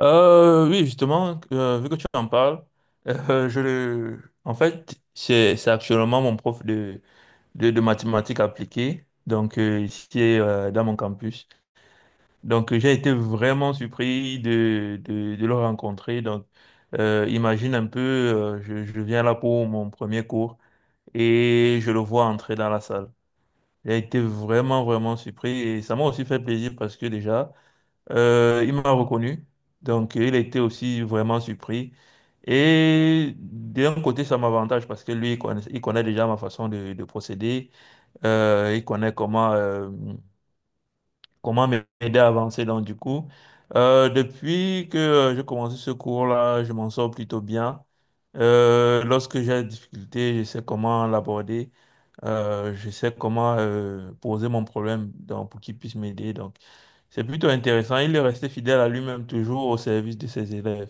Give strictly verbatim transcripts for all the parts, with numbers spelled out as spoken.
Euh, oui, justement, euh, vu que tu en parles, euh, je le... en fait, c'est c'est actuellement mon prof de, de, de mathématiques appliquées, donc euh, ici euh, dans mon campus. Donc euh, j'ai été vraiment surpris de, de, de le rencontrer. Donc euh, imagine un peu, euh, je, je viens là pour mon premier cours et je le vois entrer dans la salle. J'ai été vraiment, vraiment surpris et ça m'a aussi fait plaisir parce que déjà, euh, il m'a reconnu, donc euh, il a été aussi vraiment surpris. Et d'un côté, ça m'avantage parce que lui, il connaît, il connaît déjà ma façon de, de procéder. Euh, il connaît comment, euh, comment m'aider à avancer. Donc, du coup, euh, depuis que euh, j'ai commencé ce cours-là, je m'en sors plutôt bien. Euh, lorsque j'ai des difficultés, je sais comment l'aborder. Euh, je sais comment euh, poser mon problème donc, pour qu'il puisse m'aider. Donc, c'est plutôt intéressant. Il est resté fidèle à lui-même, toujours au service de ses élèves.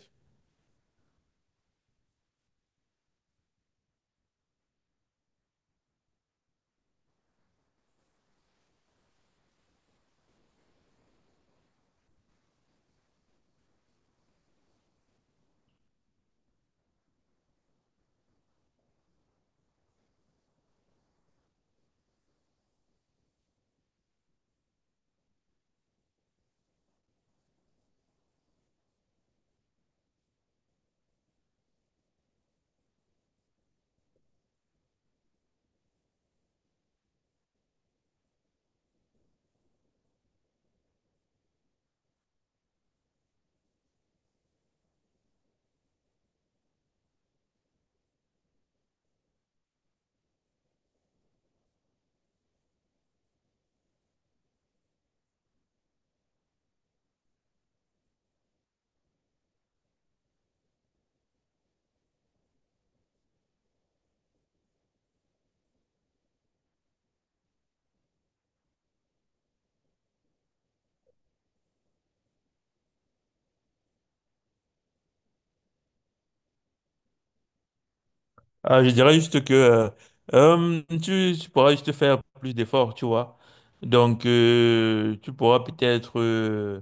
Ah, je dirais juste que euh, euh, tu, tu pourras juste faire plus d'efforts, tu vois. Donc, euh, tu pourras peut-être euh,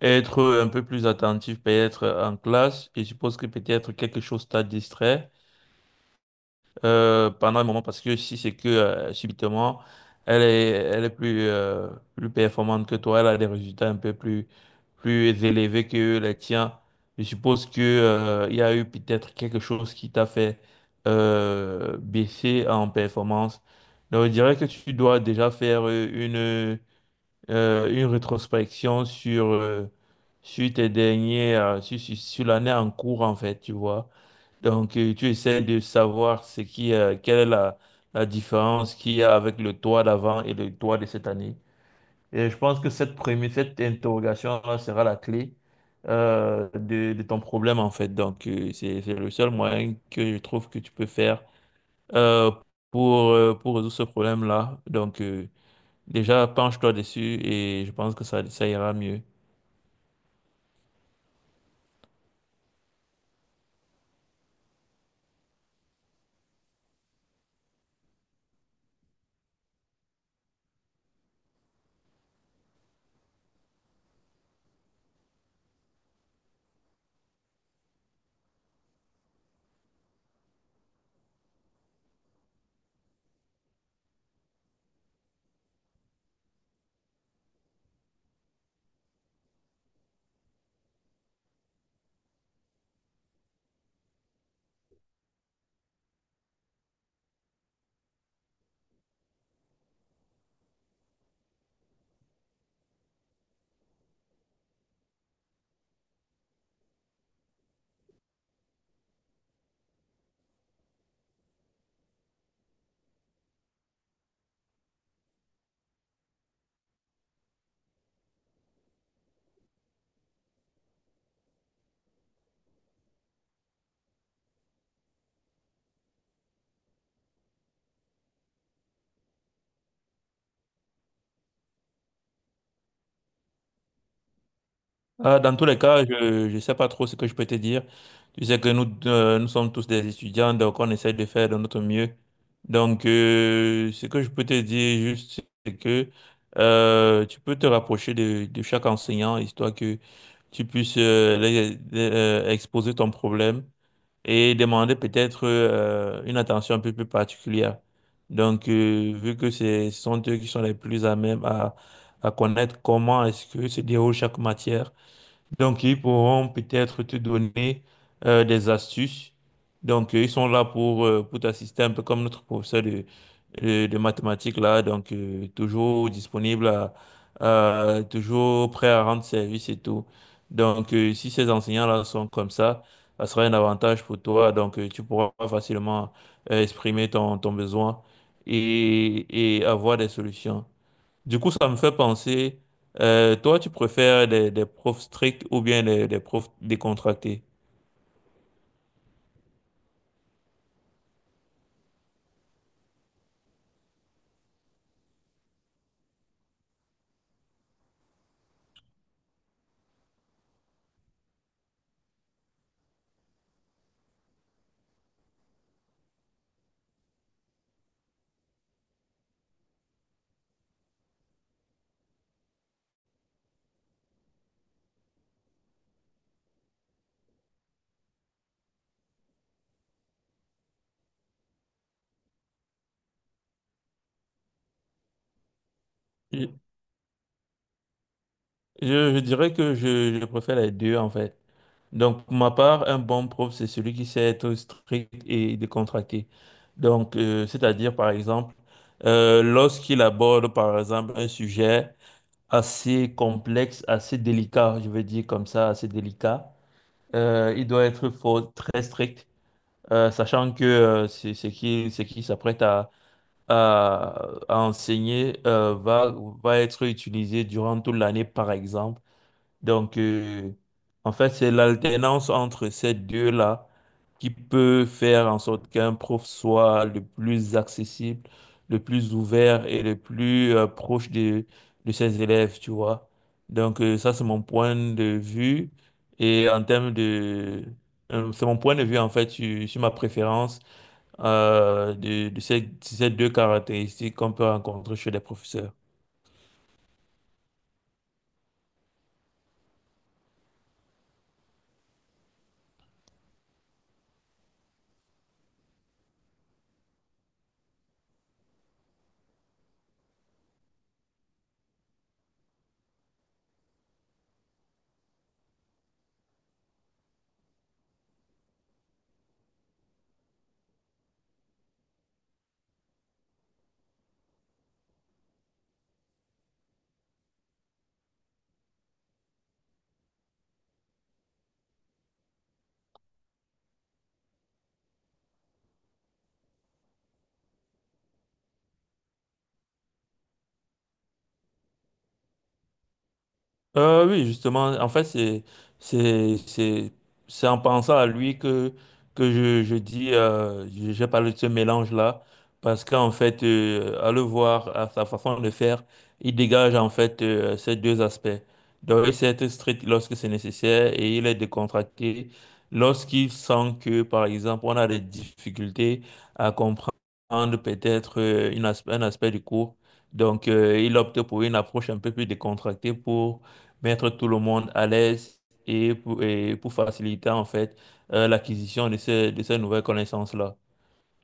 être un peu plus attentif, peut-être en classe. Et je suppose que peut-être quelque chose t'a distrait euh, pendant un moment parce que si c'est que euh, subitement elle est, elle est plus, euh, plus performante que toi, elle a des résultats un peu plus, plus élevés que les tiens. Je suppose que euh, il y a eu peut-être quelque chose qui t'a fait euh, baisser en performance. Donc, je dirais que tu dois déjà faire euh, une, euh, une rétrospection sur, euh, sur tes derniers, euh, sur, sur sur l'année en cours, en fait, tu vois. Donc, euh, tu essaies de savoir ce qui, euh, quelle est la, la différence qu'il y a avec le toit d'avant et le toit de cette année. Et je pense que cette première, cette interrogation-là sera la clé euh, de, de ton problème, en fait. Donc, euh, c'est, c'est le seul moyen que je trouve que tu peux faire euh, pour, euh, pour résoudre ce problème-là. Donc, euh, déjà, penche-toi dessus et je pense que ça, ça ira mieux. Ah, dans tous les cas, je ne sais pas trop ce que je peux te dire. Tu sais que nous, euh, nous sommes tous des étudiants, donc on essaie de faire de notre mieux. Donc, euh, ce que je peux te dire juste, c'est que euh, tu peux te rapprocher de, de chaque enseignant, histoire que tu puisses euh, les- les- euh, exposer ton problème et demander peut-être euh, une attention un peu plus particulière. Donc, euh, vu que c'est- ce sont eux qui sont les plus à même à, à connaître comment est-ce que se déroule chaque matière. Donc, ils pourront peut-être te donner euh, des astuces. Donc, euh, ils sont là pour, euh, pour t'assister un peu comme notre professeur de, de, de mathématiques là. Donc, euh, toujours disponible à, à- toujours prêt à rendre service et tout. Donc, euh, si ces enseignants-là sont comme ça, ça sera un avantage pour toi. Donc, euh, tu pourras facilement euh, exprimer ton, ton besoin et, et avoir des solutions. Du coup, ça me fait penser, euh, toi, tu préfères des, des profs stricts ou bien des, des profs décontractés? Je, je- je dirais que je, je préfère les deux, en fait. Donc, pour ma part, un bon prof, c'est celui qui sait être strict et décontracté. Donc, euh, c'est-à-dire, par exemple, euh, lorsqu'il aborde, par exemple, un sujet assez complexe, assez délicat, je veux dire comme ça, assez délicat, euh, il doit être fort- très strict, euh, sachant que euh, c'est ce qui, ce qui s'apprête à à, à enseigner euh, va, va être utilisé durant toute l'année, par exemple. Donc, euh, en fait, c'est l'alternance entre ces deux-là qui peut faire en sorte qu'un prof soit le plus accessible, le plus ouvert et le plus euh, proche de, de ses élèves, tu vois. Donc, euh, ça, c'est mon point de vue. Et en termes de... euh, C'est mon point de vue, en fait, sur, sur ma préférence euh, de, de ces, ces deux caractéristiques qu'on peut rencontrer chez les professeurs. Euh, oui, justement, en fait, c'est, c'est, c'est, c'est en pensant à lui que, que je, je dis, euh, je- j'ai parlé de ce mélange-là, parce qu'en fait, euh, à le voir, à sa façon de faire, il dégage en fait euh, ces deux aspects. Donc, il sait être strict lorsque c'est nécessaire et il est décontracté lorsqu'il sent que, par exemple, on a des difficultés à comprendre peut-être euh, une as- un aspect du cours. Donc, euh, il opte pour une approche un peu plus décontractée pour mettre tout le monde à l'aise et pour, et pour faciliter en fait euh, l'acquisition de ces, de ces nouvelles connaissances-là.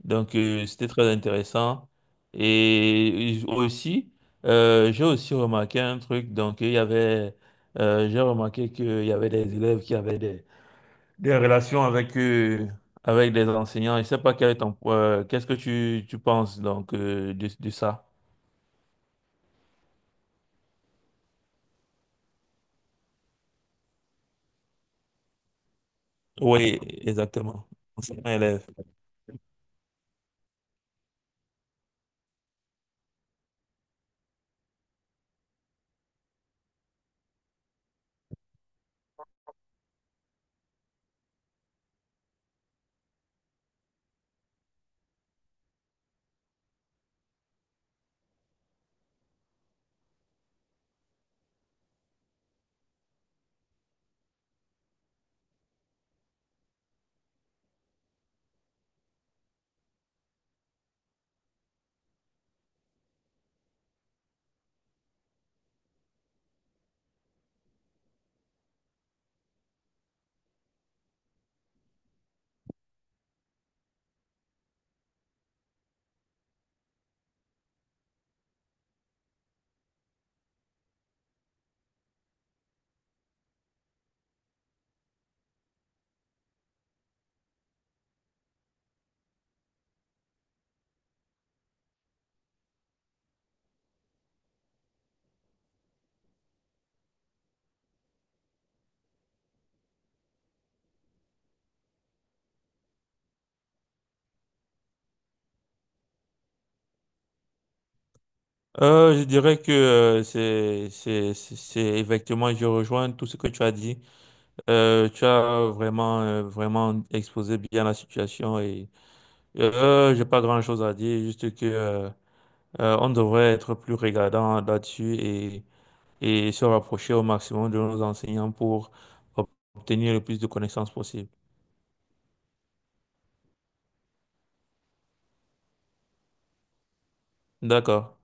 Donc euh, c'était très intéressant. Et aussi, euh, j'ai aussi remarqué un truc, donc il y avait, euh, j'ai remarqué qu'il y avait des élèves qui avaient des, des relations avec, euh, avec des enseignants. Je sais pas quel est ton, euh, qu'est-ce que tu, tu penses donc euh, de, de ça? Oui, exactement. Enseignant-élève. Euh, je dirais que euh, c'est c'est c'est c'est- effectivement je rejoins tout ce que tu as dit. Euh, tu as vraiment euh, vraiment exposé bien la situation et euh, j'ai pas grand-chose à dire juste que euh, euh, on devrait être plus regardant là-dessus et et se rapprocher au maximum de nos enseignants pour ob- obtenir le plus de connaissances possible. D'accord.